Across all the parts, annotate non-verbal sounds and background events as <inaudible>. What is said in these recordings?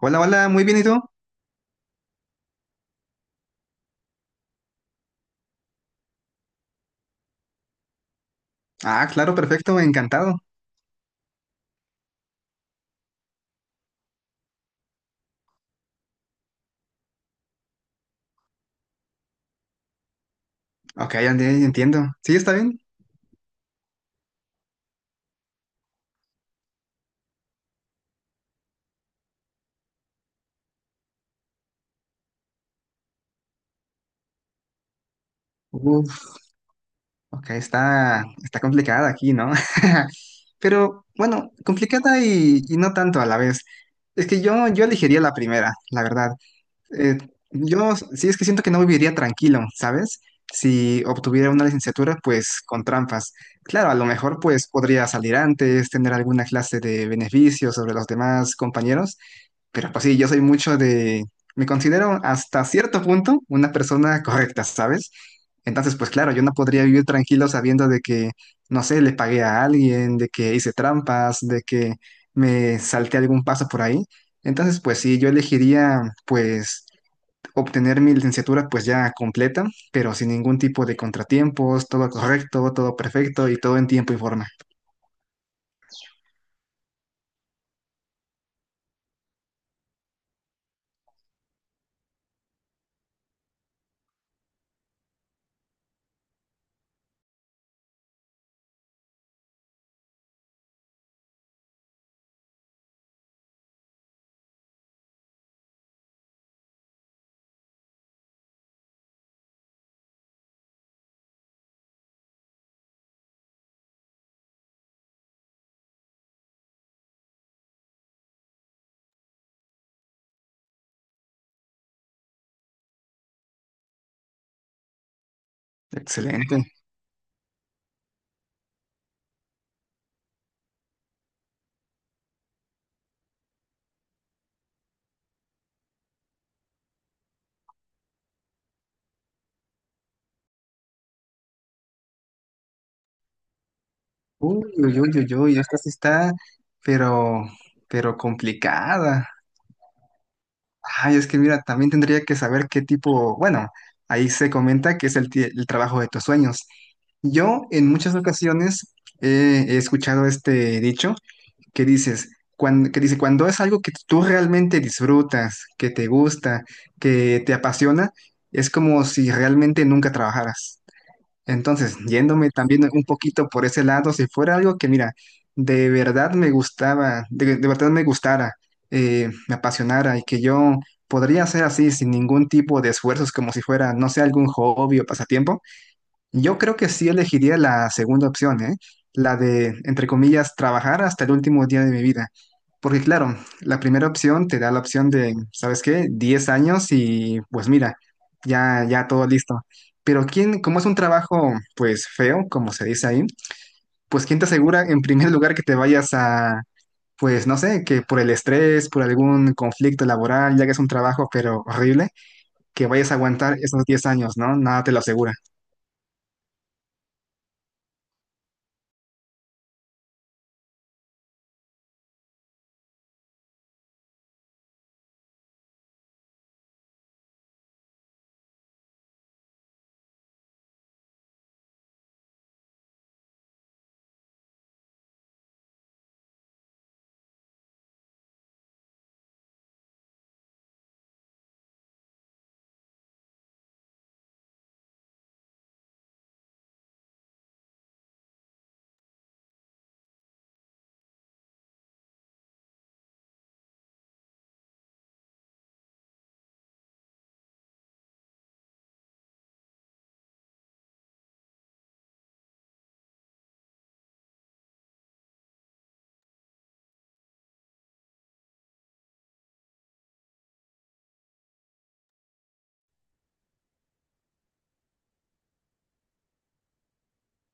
Hola, hola, muy bien, ¿y tú? Ah, claro, perfecto, encantado. Ok, ya entiendo. ¿Sí está bien? Uf, ok, está complicada aquí, ¿no? <laughs> Pero bueno, complicada y no tanto a la vez. Es que yo elegiría la primera, la verdad. Eh, yo sí es que siento que no viviría tranquilo, ¿sabes? Si obtuviera una licenciatura, pues con trampas. Claro, a lo mejor pues podría salir antes, tener alguna clase de beneficio sobre los demás compañeros. Pero pues sí, yo soy mucho de. Me considero hasta cierto punto una persona correcta, ¿sabes? Entonces, pues claro, yo no podría vivir tranquilo sabiendo de que, no sé, le pagué a alguien, de que hice trampas, de que me salté algún paso por ahí. Entonces, pues sí, yo elegiría, pues, obtener mi licenciatura pues ya completa, pero sin ningún tipo de contratiempos, todo correcto, todo perfecto y todo en tiempo y forma. Excelente. Uy, uy, uy, uy, uy, esta sí está, pero, pero complicada. Ay, es que mira, también tendría que saber qué tipo, bueno, ahí se comenta que es el trabajo de tus sueños. Yo en muchas ocasiones he escuchado este dicho que dices, cuando, que dice, cuando es algo que tú realmente disfrutas, que te gusta, que te apasiona, es como si realmente nunca trabajaras. Entonces, yéndome también un poquito por ese lado, si fuera algo que, mira, de verdad me gustaba, de verdad me gustara, me apasionara y que yo podría hacer así sin ningún tipo de esfuerzos, como si fuera, no sé, algún hobby o pasatiempo, yo creo que sí elegiría la segunda opción, ¿eh? La de, entre comillas, trabajar hasta el último día de mi vida. Porque claro, la primera opción te da la opción de, ¿sabes qué? 10 años y pues mira, ya, ya todo listo. Pero quién, como es un trabajo pues feo, como se dice ahí, pues quién te asegura en primer lugar que te vayas a, pues no sé, que por el estrés, por algún conflicto laboral, ya que es un trabajo pero horrible, que vayas a aguantar esos 10 años, ¿no? Nada te lo asegura.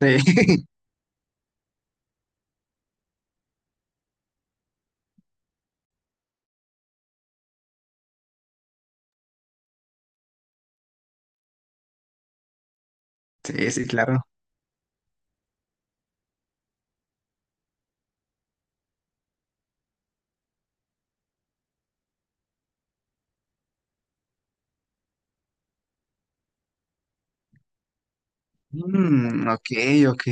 <laughs> Sí, sí, claro. Mm, ok, ok.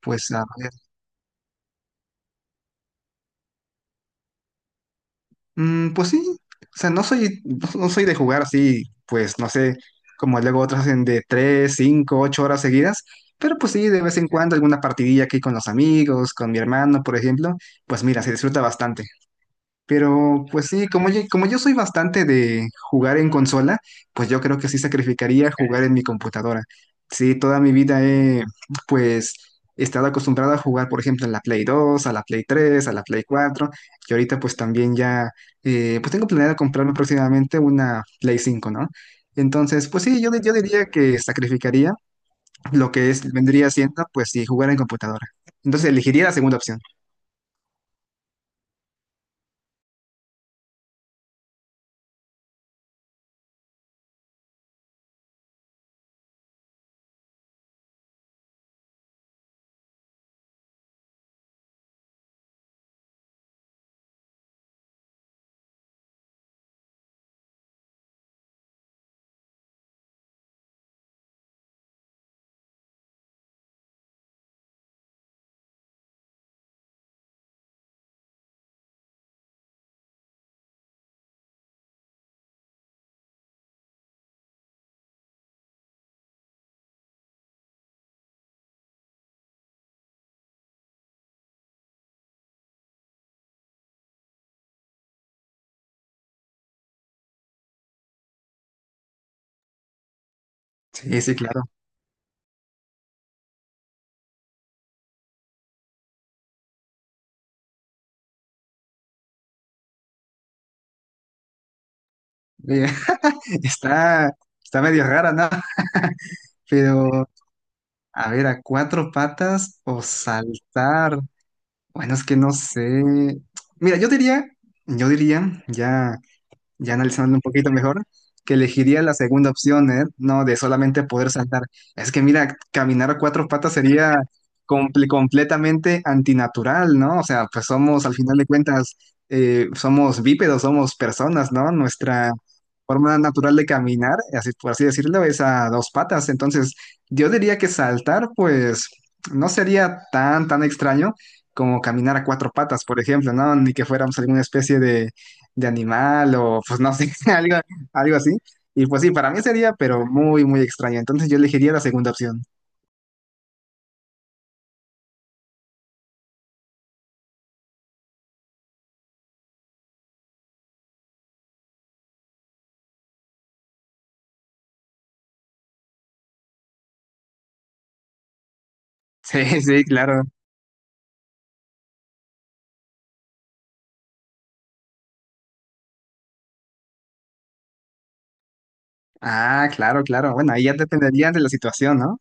Pues a ver. Mm, pues sí. O sea, no soy, <laughs> no, no soy de jugar así, pues no sé, como luego otros hacen de 3, 5, 8 horas seguidas. Pero pues sí, de vez en cuando alguna partidilla aquí con los amigos, con mi hermano, por ejemplo. Pues mira, se disfruta bastante. Pero pues sí, como yo soy bastante de jugar en consola, pues yo creo que sí sacrificaría jugar en mi computadora. Sí, toda mi vida he pues estado acostumbrado a jugar, por ejemplo, en la Play 2, a la Play 3, a la Play 4, y ahorita pues también ya, pues tengo planeado comprarme próximamente una Play 5, ¿no? Entonces, pues sí, yo diría que sacrificaría lo que es, vendría siendo, pues sí, jugar en computadora. Entonces elegiría la segunda opción. Sí, sí, claro. Oye, <laughs> Está, está medio rara, ¿no? Pero, a ver, a cuatro patas o saltar. Bueno, es que no sé. Mira, yo diría, ya ya analizando un poquito mejor, que elegiría la segunda opción, ¿eh? No, de solamente poder saltar. Es que mira, caminar a cuatro patas sería completamente antinatural, ¿no? O sea, pues somos, al final de cuentas, somos bípedos, somos personas, ¿no? Nuestra forma natural de caminar, así, por así decirlo, es a dos patas. Entonces, yo diría que saltar, pues, no sería tan, tan extraño como caminar a cuatro patas, por ejemplo, ¿no? Ni que fuéramos alguna especie de animal o pues no sé, <laughs> algo así. Y pues sí, para mí sería, pero muy, muy extraño. Entonces yo elegiría la segunda opción. <laughs> Sí, sí, claro. Ah, claro, claro. Bueno, ahí ya dependería de la situación, ¿no?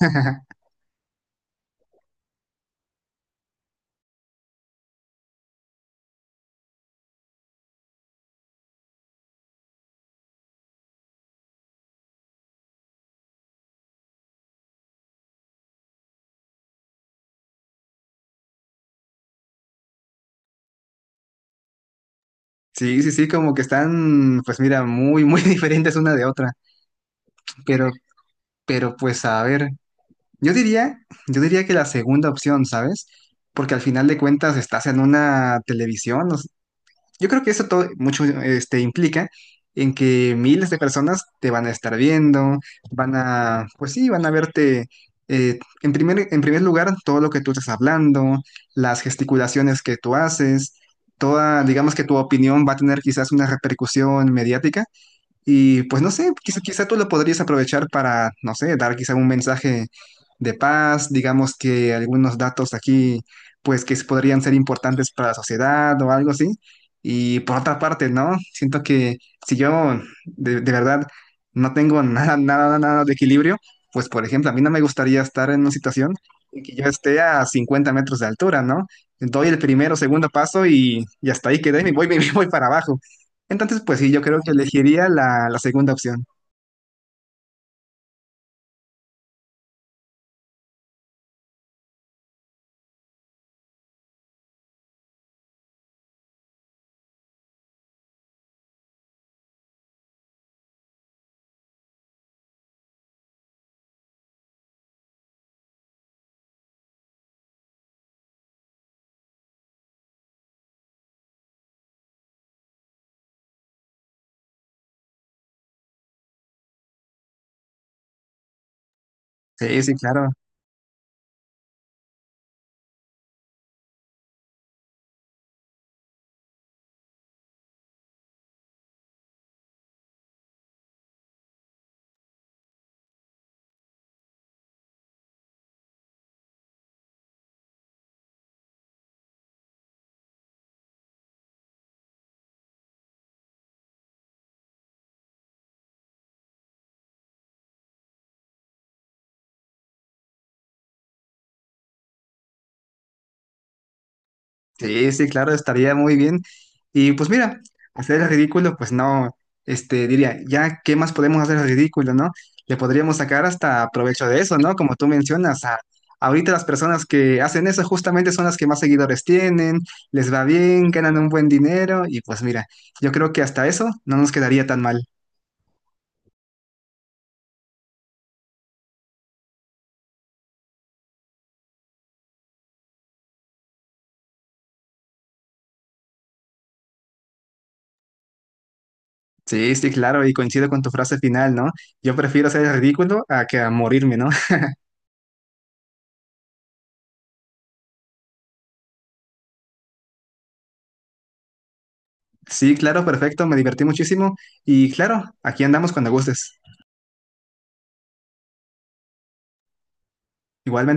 <laughs> Sí, sí, sí, como que están, pues mira, muy, muy <laughs> diferentes una de otra. Pero, pero pues a ver, yo diría, yo diría, que la segunda opción, ¿sabes? Porque al final de cuentas estás en una televisión. Yo creo que eso todo mucho este, implica en que miles de personas te van a estar viendo, van a, pues sí, van a verte en primer lugar todo lo que tú estás hablando, las gesticulaciones que tú haces, toda, digamos que tu opinión va a tener quizás una repercusión mediática y pues no sé, quizá tú lo podrías aprovechar para, no sé, dar quizá un mensaje de paz, digamos que algunos datos aquí, pues que podrían ser importantes para la sociedad o algo así. Y por otra parte, ¿no? Siento que si yo de verdad no tengo <laughs> nada, nada, nada de equilibrio, pues por ejemplo, a mí no me gustaría estar en una situación en que yo esté a 50 metros de altura, ¿no? Doy el primero, segundo paso y hasta ahí quedé y me voy, <laughs> me voy para abajo. Entonces, pues sí, yo creo que elegiría la segunda opción. Sí, sí, claro. Sí, sí, claro, estaría muy bien. Y pues mira, hacer el ridículo, pues no, este, diría, ya, ¿qué más podemos hacer el ridículo, no? Le podríamos sacar hasta provecho de eso, ¿no? Como tú mencionas, ahorita las personas que hacen eso justamente son las que más seguidores tienen, les va bien, ganan un buen dinero y pues mira, yo creo que hasta eso no nos quedaría tan mal. Sí, sí, claro, y coincido con tu frase final, ¿no? Yo prefiero hacer el ridículo a que a morirme, ¿no? Sí, claro, perfecto, me divertí muchísimo y claro, aquí andamos cuando gustes. Igual.